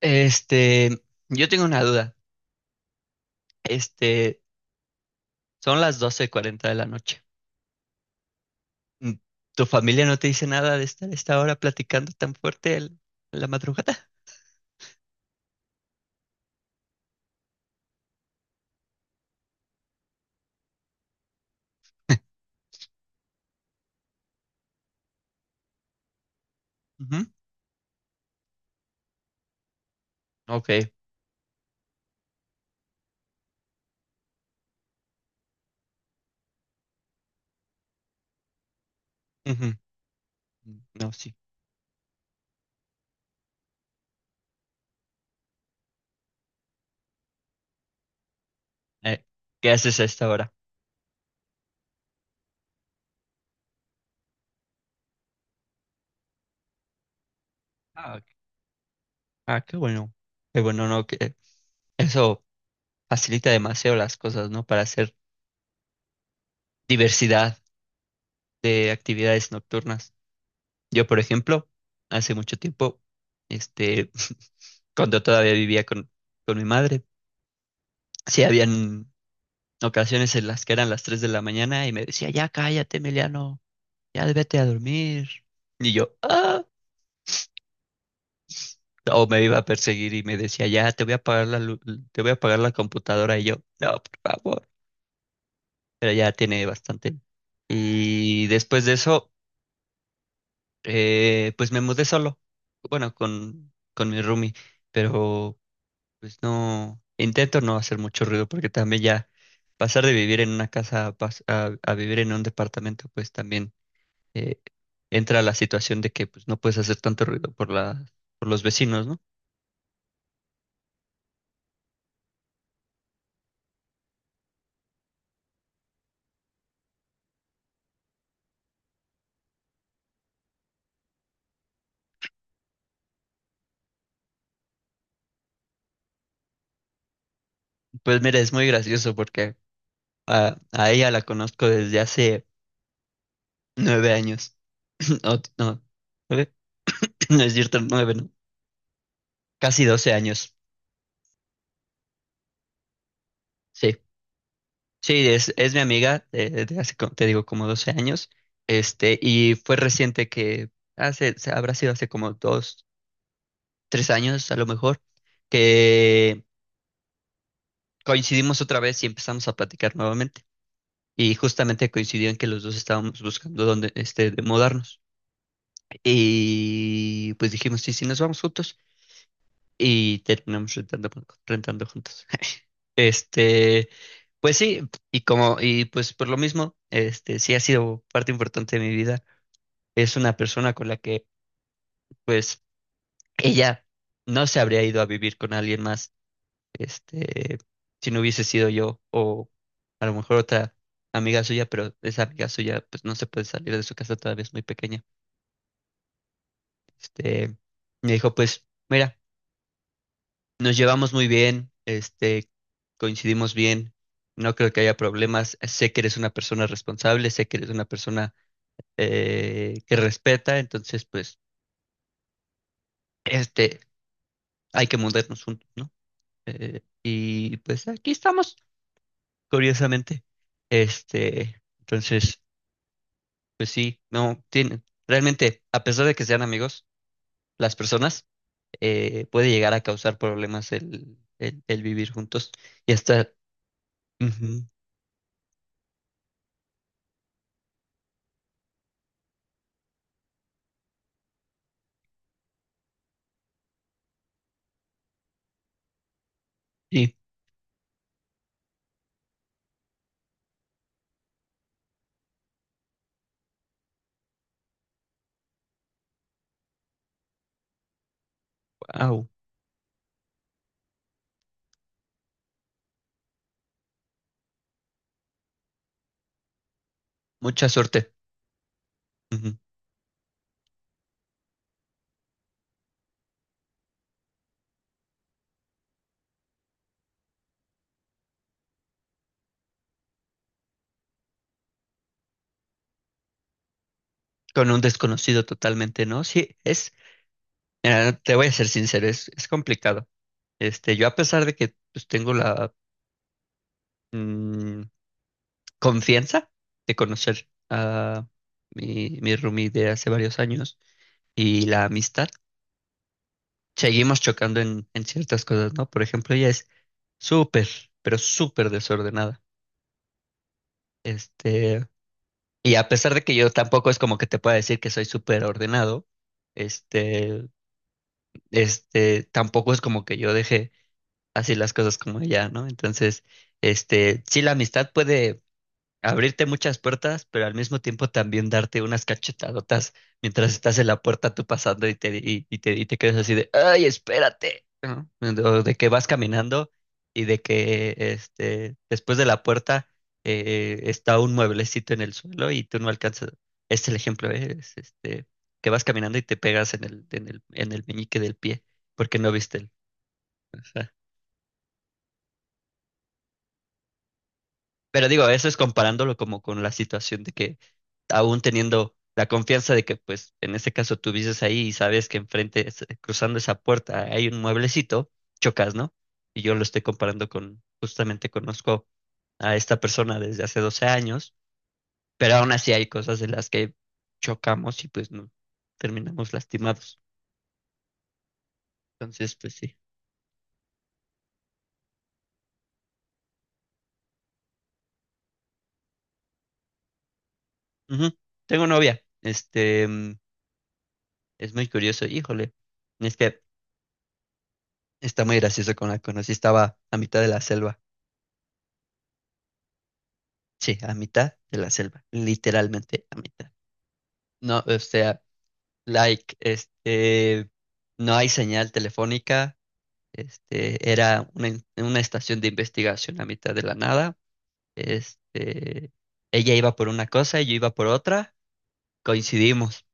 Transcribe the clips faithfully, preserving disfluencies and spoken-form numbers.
Este, yo tengo una duda. Este, son las doce cuarenta de la noche. Mm, ¿Tu familia no te dice nada de estar a esta hora platicando tan fuerte el- la madrugada? Ujú. Ok. Ujú. Mm, no, sí. Eh, ¿qué haces a esta hora? Ah, ok. Ah, qué bueno. Qué bueno, ¿no? Que eso facilita demasiado las cosas, ¿no? Para hacer diversidad de actividades nocturnas. Yo, por ejemplo, hace mucho tiempo, este, cuando todavía vivía con, con mi madre. Sí, habían ocasiones en las que eran las tres de la mañana y me decía, ya cállate, Emiliano, ya vete a dormir. Y yo, ah, o me iba a perseguir y me decía, ya te voy a apagar la lu- te voy a apagar la computadora. Y yo, no, por favor. Pero ya tiene bastante. Y después de eso, eh, pues me mudé solo. Bueno, con, con mi roomie, pero pues no, intento no hacer mucho ruido porque también ya pasar de vivir en una casa a, pas- a a vivir en un departamento, pues también eh, entra la situación de que pues, no puedes hacer tanto ruido por la, por los vecinos, ¿no? Pues mira, es muy gracioso porque a, a ella la conozco desde hace nueve años. No, no, nueve, no es cierto, nueve, ¿no? Casi doce años. Sí, sí, es, es mi amiga eh, desde hace, co- te digo, como doce años. Este, y fue reciente que hace, se- habrá sido hace como dos, tres años a lo mejor, que coincidimos otra vez y empezamos a platicar nuevamente. Y justamente coincidió en que los dos estábamos buscando dónde, este, de mudarnos. Y pues dijimos, sí, sí, nos vamos juntos. Y terminamos rentando, rentando juntos. Este, pues sí, y como, y pues por lo mismo, este, sí ha sido parte importante de mi vida. Es una persona con la que, pues, ella no se habría ido a vivir con alguien más, este, si no hubiese sido yo, o a lo mejor otra amiga suya, pero esa amiga suya, pues no se puede salir de su casa, todavía es muy pequeña. Este, me dijo, pues, mira, nos llevamos muy bien, este, coincidimos bien, no creo que haya problemas, sé que eres una persona responsable, sé que eres una persona eh, que respeta, entonces, pues, este, hay que mudarnos juntos, ¿no? Eh, y pues aquí estamos, curiosamente. Este, entonces, pues sí, no, tienen, realmente, a pesar de que sean amigos, las personas eh, puede llegar a causar problemas el, el el vivir juntos y hasta. Ujú. Sí. Wow, mucha suerte. Ujú. Con un desconocido totalmente, ¿no? Sí, es, mira, no, te voy a ser sincero, es, es complicado. Este, yo a pesar de que pues, tengo la mm, confianza de conocer a mi, mi roomie de hace varios años y la amistad, seguimos chocando en, en ciertas cosas, ¿no? Por ejemplo, ella es súper, pero súper desordenada. Este, y a pesar de que yo tampoco es como que te pueda decir que soy súper ordenado, este, este, tampoco es como que yo deje así las cosas como ya, ¿no? Entonces, este, sí, la amistad puede abrirte muchas puertas, pero al mismo tiempo también darte unas cachetadotas mientras estás en la puerta tú pasando y te, y, y te, y te quedas así de, ay, espérate, ¿no? O de que vas caminando y de que este, después de la puerta eh, está un mueblecito en el suelo y tú no alcanzas. Este es el ejemplo, ¿eh? Es, este, que vas caminando y te pegas en el, en el, en el meñique del pie porque no viste el. Pero digo, eso es comparándolo como con la situación de que aún teniendo la confianza de que, pues, en este caso tú vives ahí y sabes que enfrente, es- cruzando esa puerta, hay un mueblecito, chocas, ¿no? Y yo lo estoy comparando con, justamente conozco a esta persona desde hace doce años, pero aún así hay cosas de las que chocamos y pues no, terminamos lastimados. Entonces, pues sí. Ujú. Tengo novia, este, mm, es muy curioso, híjole, es que está muy gracioso con la conocí. Estaba a mitad de la selva. Sí, a mitad de la selva. Literalmente a mitad. No, o sea, like, este, no hay señal telefónica. Este, era una, in- una estación de investigación a mitad de la nada. Este, ella iba por una cosa y yo iba por otra. Coincidimos.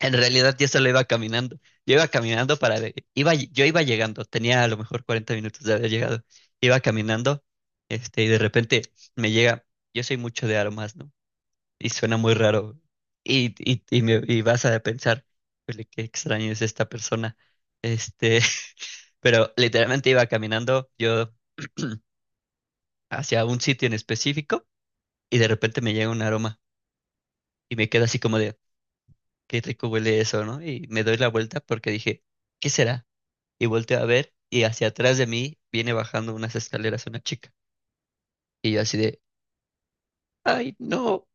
En realidad yo solo iba caminando. Yo iba caminando para... Iba, yo iba llegando, tenía a lo mejor cuarenta minutos de haber llegado. Iba caminando, este, y de repente me llega... Yo soy mucho de aromas, ¿no? Y suena muy raro. Y, y, y, me, y vas a pensar, "Híjole, qué extraño es esta persona. Este, pero literalmente iba caminando yo hacia un sitio en específico y de repente me llega un aroma y me queda así como de, qué rico huele eso, ¿no? Y me doy la vuelta porque dije, ¿qué será? Y volteo a ver y hacia atrás de mí viene bajando unas escaleras una chica. Y yo así de, ay, no,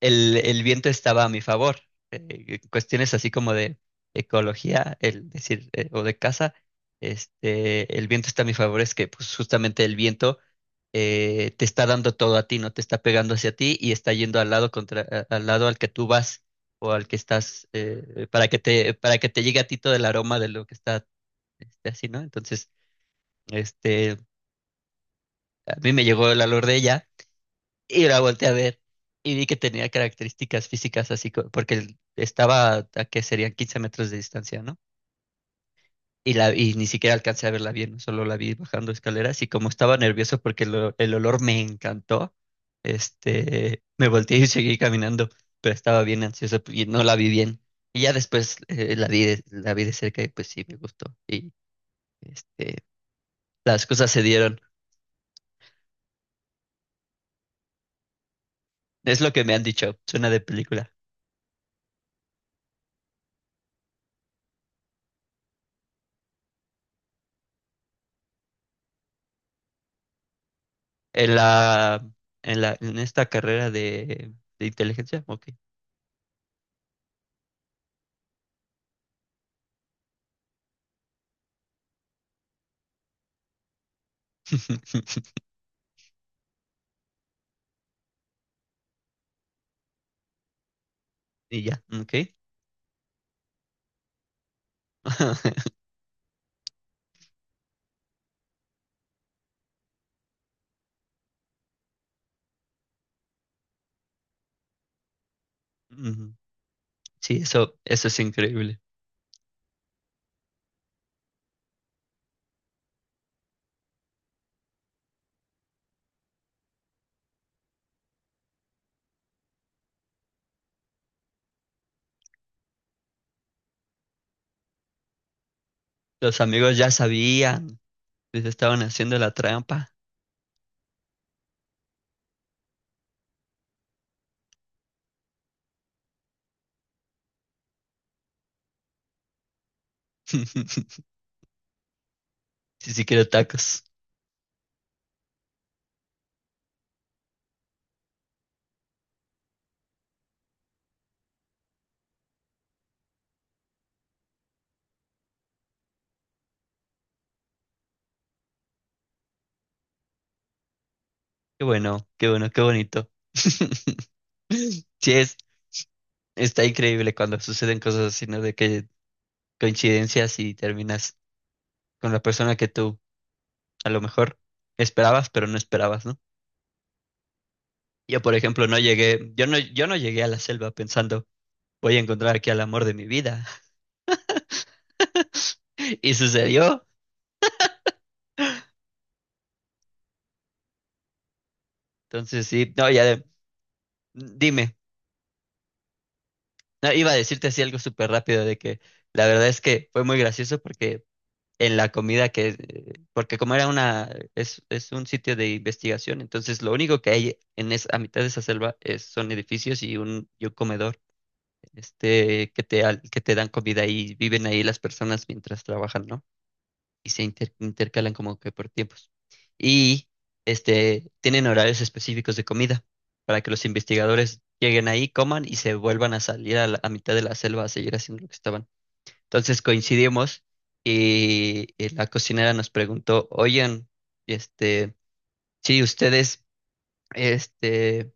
el, el viento estaba a mi favor. Eh, cuestiones así como de ecología, el decir, eh, o de casa, este, el viento está a mi favor, es que pues justamente el viento eh, te está dando todo a ti, no te está pegando hacia ti y está yendo al lado contra, a- al lado al que tú vas o al que estás, eh, para que te, para que te llegue a ti todo el aroma de lo que está, este, así, ¿no? Entonces, este, a mí me llegó el valor de ella y la volteé a ver y vi que tenía características físicas así, co- porque estaba a que serían quince metros de distancia, ¿no? Y, la, y ni siquiera alcancé a verla bien, solo la vi bajando escaleras y como estaba nervioso porque lo- el olor me encantó, este, me volteé y seguí caminando, pero estaba bien ansioso y no la vi bien. Y ya después eh, la vi de, la vi de cerca y pues sí, me gustó. Y este, las cosas se dieron. Es lo que me han dicho, suena de película. En la, en la, en esta carrera de, de inteligencia, ok. Y ya, ok. Ujú. Sí, eso, eso es increíble. Los amigos ya sabían, les estaban haciendo la trampa. Sí, sí quiero tacos. Qué bueno, qué bueno, qué bonito. Sí, es, está increíble cuando suceden cosas así, ¿no? De que coincidencias y terminas con la persona que tú a lo mejor esperabas, pero no esperabas, ¿no? Yo, por ejemplo, no llegué, yo no, yo no llegué a la selva pensando, voy a encontrar aquí al amor de mi vida. Y sucedió. Entonces, sí, no, ya de- dime, no, iba a decirte así algo súper rápido de que la verdad es que fue muy gracioso porque en la comida que, eh, porque como era una, es, es un sitio de investigación, entonces lo único que hay en es, a mitad de esa selva es, son edificios y un, y un comedor, este, que te, al- que te dan comida y viven ahí las personas mientras trabajan, ¿no? Y se inter- intercalan como que por tiempos. Y este, tienen horarios específicos de comida para que los investigadores lleguen ahí, coman y se vuelvan a salir a la a mitad de la selva a seguir haciendo lo que estaban. Entonces coincidimos y, y la cocinera nos preguntó, oigan, este, si ustedes, este,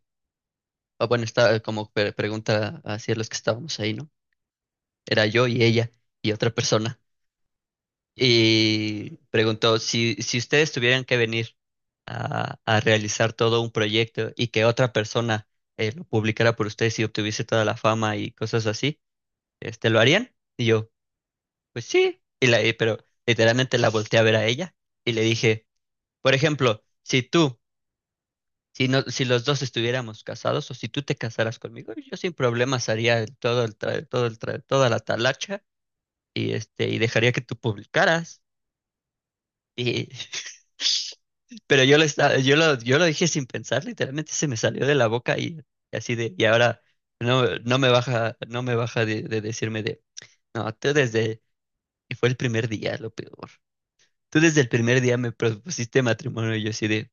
o bueno, estaba como pre- pregunta hacia los que estábamos ahí, ¿no? Era yo y ella y otra persona. Y preguntó si, si ustedes tuvieran que venir a, a realizar todo un proyecto y que otra persona eh, lo publicara por ustedes y obtuviese toda la fama y cosas así, este, ¿lo harían? Y yo, pues sí, y la, y- pero literalmente la volteé a ver a ella y le dije, por ejemplo, si tú, si, no, si los dos estuviéramos casados o si tú te casaras conmigo, yo sin problemas haría el- todo el, tra- todo el, tra- toda la talacha y, este, y dejaría que tú publicaras. Y- Pero yo lo, estaba, yo lo, yo lo dije sin pensar, literalmente se me salió de la boca y así de, y ahora no, no me baja, no me baja de, de decirme de, no, tú desde, y fue el primer día lo peor. Tú desde el primer día me propusiste matrimonio y yo así de,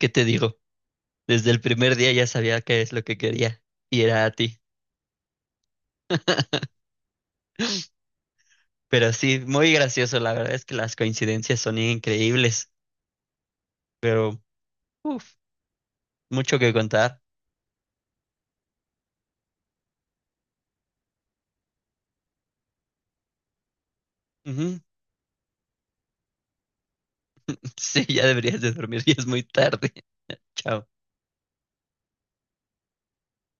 ¿qué te digo? Desde el primer día ya sabía qué es lo que quería y era a ti. Pero sí, muy gracioso, la verdad es que las coincidencias son increíbles, pero, uff, mucho que contar. Ujú. Sí, ya deberías de dormir, ya es muy tarde. Chao.